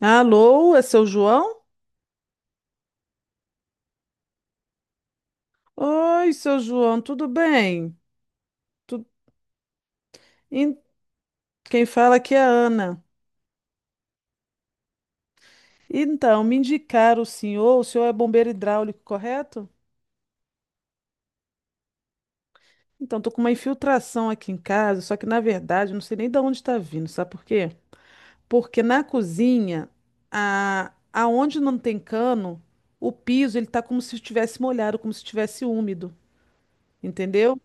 Alô, é seu João? Oi, seu João, tudo bem? Tu- In- Quem fala aqui é a Ana. Então, me indicaram o senhor é bombeiro hidráulico, correto? Então, tô com uma infiltração aqui em casa, só que na verdade eu não sei nem de onde está vindo, sabe por quê? Porque na cozinha, aonde não tem cano, o piso ele tá como se estivesse molhado, como se estivesse úmido, entendeu?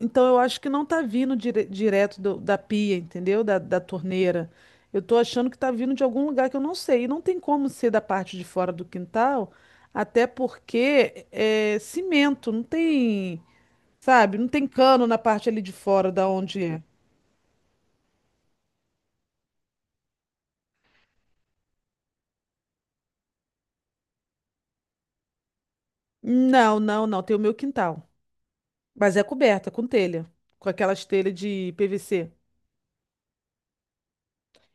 Então eu acho que não tá vindo direto da pia, entendeu? Da torneira. Eu tô achando que tá vindo de algum lugar que eu não sei. E não tem como ser da parte de fora do quintal, até porque é cimento, não tem, sabe? Não tem cano na parte ali de fora da onde é. Não. Tem o meu quintal. Mas é coberta com telha, com aquelas telhas de PVC.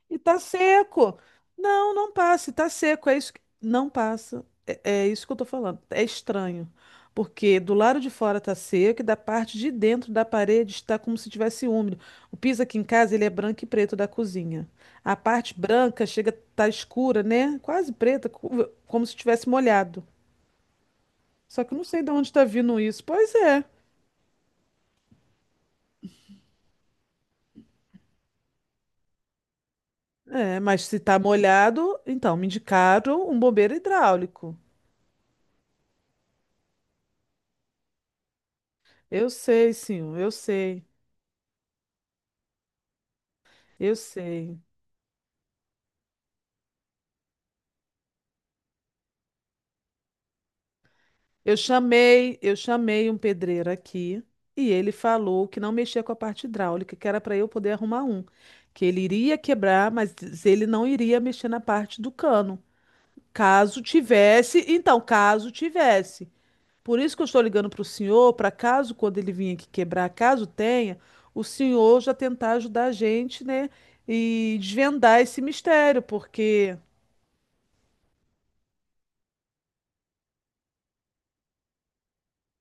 E tá seco. Não, não passa. E tá seco. Não passa. É, é isso que eu tô falando. É estranho. Porque do lado de fora tá seco e da parte de dentro da parede está como se tivesse úmido. O piso aqui em casa, ele é branco e preto da cozinha. A parte branca chega a tá escura, né? Quase preta, como se tivesse molhado. Só que eu não sei de onde está vindo isso. Pois é. É, mas se tá molhado, então me indicaram um bombeiro hidráulico. Eu sei, sim, eu sei. Eu sei. Eu chamei um pedreiro aqui e ele falou que não mexia com a parte hidráulica, que era para eu poder arrumar um, que ele iria quebrar, mas ele não iria mexer na parte do cano, caso tivesse, então, caso tivesse. Por isso que eu estou ligando para o senhor, para caso quando ele vir aqui quebrar, caso tenha, o senhor já tentar ajudar a gente, né, e desvendar esse mistério, porque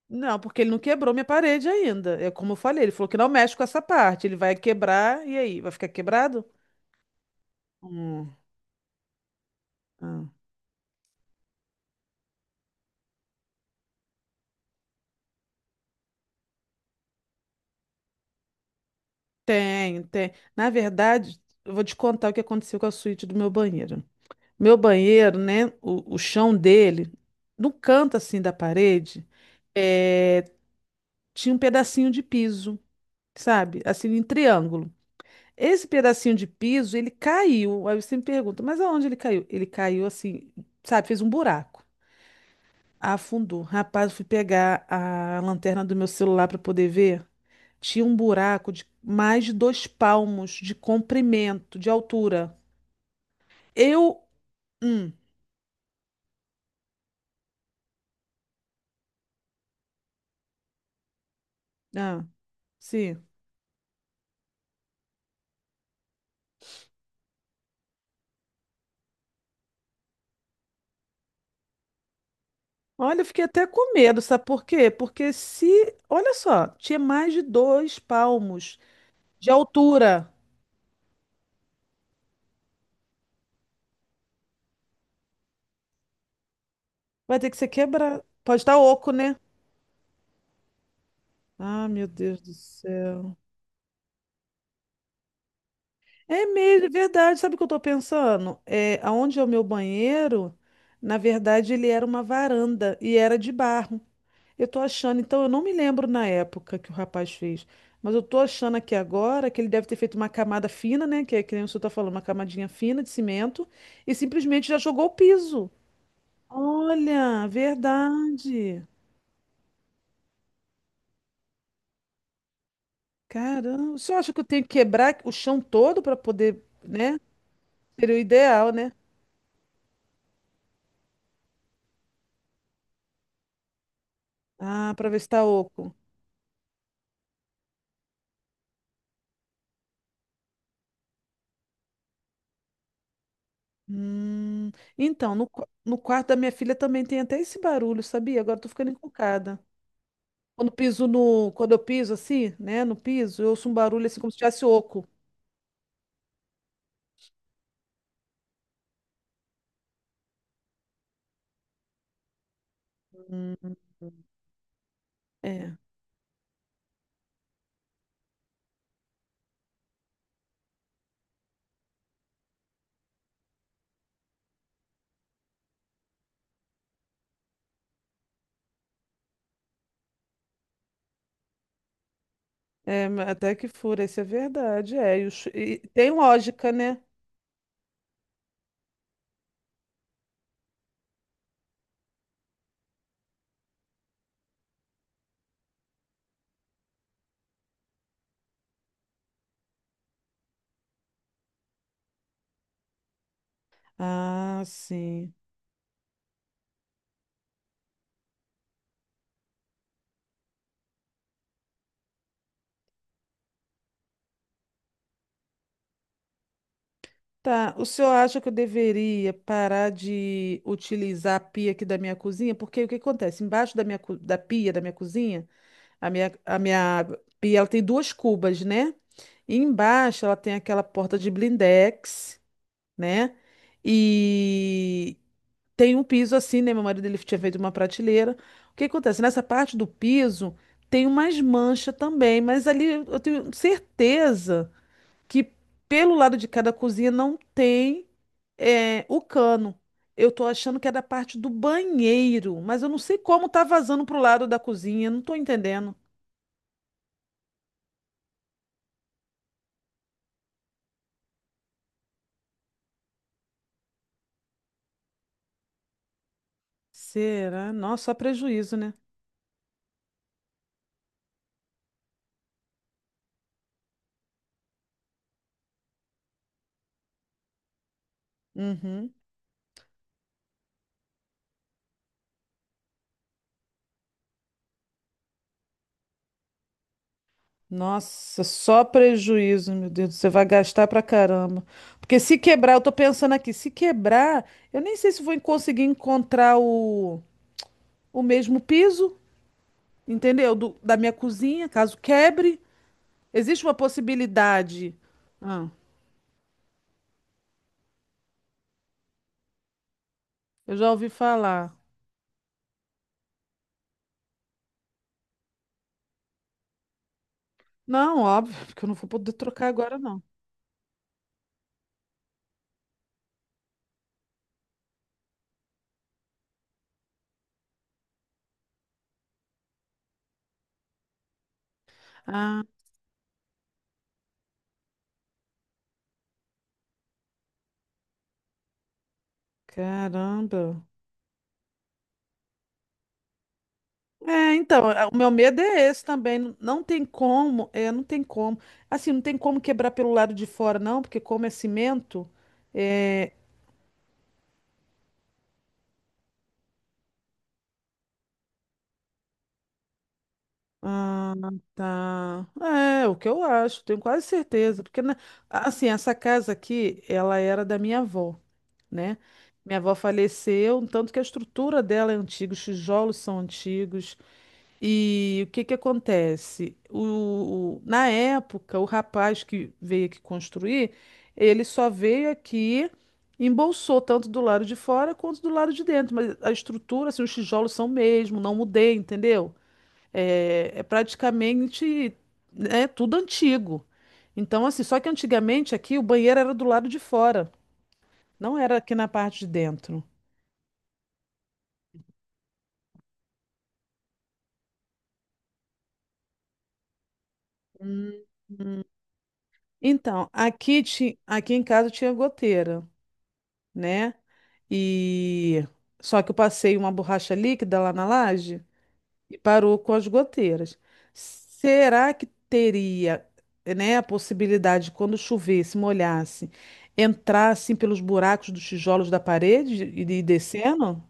não, porque ele não quebrou minha parede ainda. É como eu falei, ele falou que não mexe com essa parte. Ele vai quebrar e aí, vai ficar quebrado? Hum, hum. Tem, tem. Na verdade, eu vou te contar o que aconteceu com a suíte do meu banheiro. Meu banheiro, né? O chão dele, no canto assim da parede, é, tinha um pedacinho de piso, sabe? Assim, em triângulo. Esse pedacinho de piso, ele caiu. Aí você me pergunta, mas aonde ele caiu? Ele caiu assim, sabe? Fez um buraco. Afundou. Rapaz, eu fui pegar a lanterna do meu celular para poder ver. Tinha um buraco de mais de dois palmos de comprimento, de altura. Eu. Hum, ah, sim. Olha, eu fiquei até com medo, sabe por quê? Porque se. Olha só, tinha mais de dois palmos de altura. Vai ter que ser quebrado. Pode estar oco, né? Ah, meu Deus do céu. É mesmo, é verdade. Sabe o que eu tô pensando? É, aonde é o meu banheiro, na verdade, ele era uma varanda e era de barro. Eu tô achando, então eu não me lembro na época que o rapaz fez, mas eu tô achando aqui agora que ele deve ter feito uma camada fina, né? Que é que nem o senhor tá falando, uma camadinha fina de cimento, e simplesmente já jogou o piso. Olha, verdade. Caramba, o senhor acha que eu tenho que quebrar o chão todo para poder, né? Seria o ideal, né? Ah, para ver se tá oco. Hum, então, no quarto da minha filha também tem até esse barulho, sabia? Agora eu tô ficando encucada. Quando eu piso assim, né, no piso, eu ouço um barulho assim como se tivesse oco. Hum, é, é, até que fura, isso é verdade, é. E, e tem lógica, né? Ah, sim. Tá, o senhor acha que eu deveria parar de utilizar a pia aqui da minha cozinha? Porque o que acontece? Embaixo da da pia da minha cozinha, a minha pia, ela tem duas cubas, né? E embaixo ela tem aquela porta de blindex, né? E tem um piso assim, né? Meu marido ele tinha feito uma prateleira. O que acontece? Nessa parte do piso tem umas manchas também, mas ali eu tenho certeza que pelo lado de cada cozinha não tem é, o cano. Eu tô achando que é da parte do banheiro, mas eu não sei como tá vazando pro lado da cozinha, não tô entendendo. Será? Nossa, só prejuízo, né? Uhum. Nossa, só prejuízo, meu Deus. Você vai gastar pra caramba. Porque se quebrar, eu tô pensando aqui, se quebrar, eu nem sei se vou conseguir encontrar o mesmo piso, entendeu? Da minha cozinha, caso quebre. Existe uma possibilidade. Ah, eu já ouvi falar. Não, óbvio, porque eu não vou poder trocar agora, não. Ah, caramba. É, então, o meu medo é esse também. Não não tem como, é, não tem como. Assim, não tem como quebrar pelo lado de fora, não, porque como é cimento, é. Ah, tá. É, o que eu acho, tenho quase certeza. Porque, assim, essa casa aqui, ela era da minha avó, né? Minha avó faleceu, um tanto que a estrutura dela é antiga, os tijolos são antigos. E o que que acontece? Na época, o rapaz que veio aqui construir, ele só veio aqui, embolsou tanto do lado de fora quanto do lado de dentro, mas a estrutura, assim, os tijolos são mesmo, não mudei, entendeu? É, é praticamente, né, tudo antigo. Então, assim, só que antigamente aqui o banheiro era do lado de fora, não era aqui na parte de dentro. Então, aqui, aqui em casa tinha goteira, né? E só que eu passei uma borracha líquida lá na laje e parou com as goteiras. Será que teria, né, a possibilidade de quando chovesse, molhasse, entrar assim pelos buracos dos tijolos da parede e de ir descendo?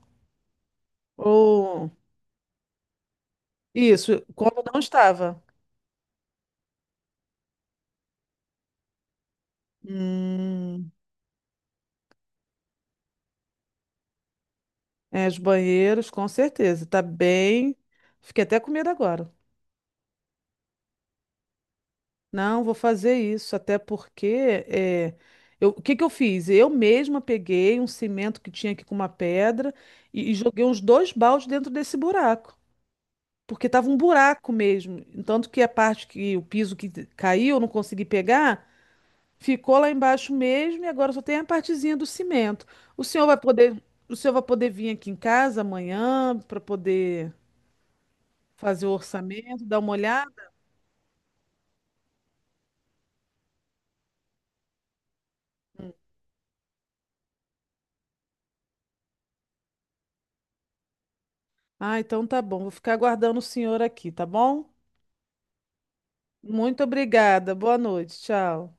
Ou isso, como não estava? Hum, é, os banheiros, com certeza. Tá bem. Fiquei até com medo agora. Não, vou fazer isso, até porque é, o que que eu fiz? Eu mesma peguei um cimento que tinha aqui com uma pedra e joguei uns dois baldes dentro desse buraco, porque estava um buraco mesmo. Tanto que a parte que o piso que caiu, eu não consegui pegar, ficou lá embaixo mesmo e agora só tem a partezinha do cimento. O senhor vai poder, o senhor vai poder vir aqui em casa amanhã para poder fazer o orçamento, dar uma olhada? Ah, então tá bom, vou ficar aguardando o senhor aqui, tá bom? Muito obrigada. Boa noite. Tchau.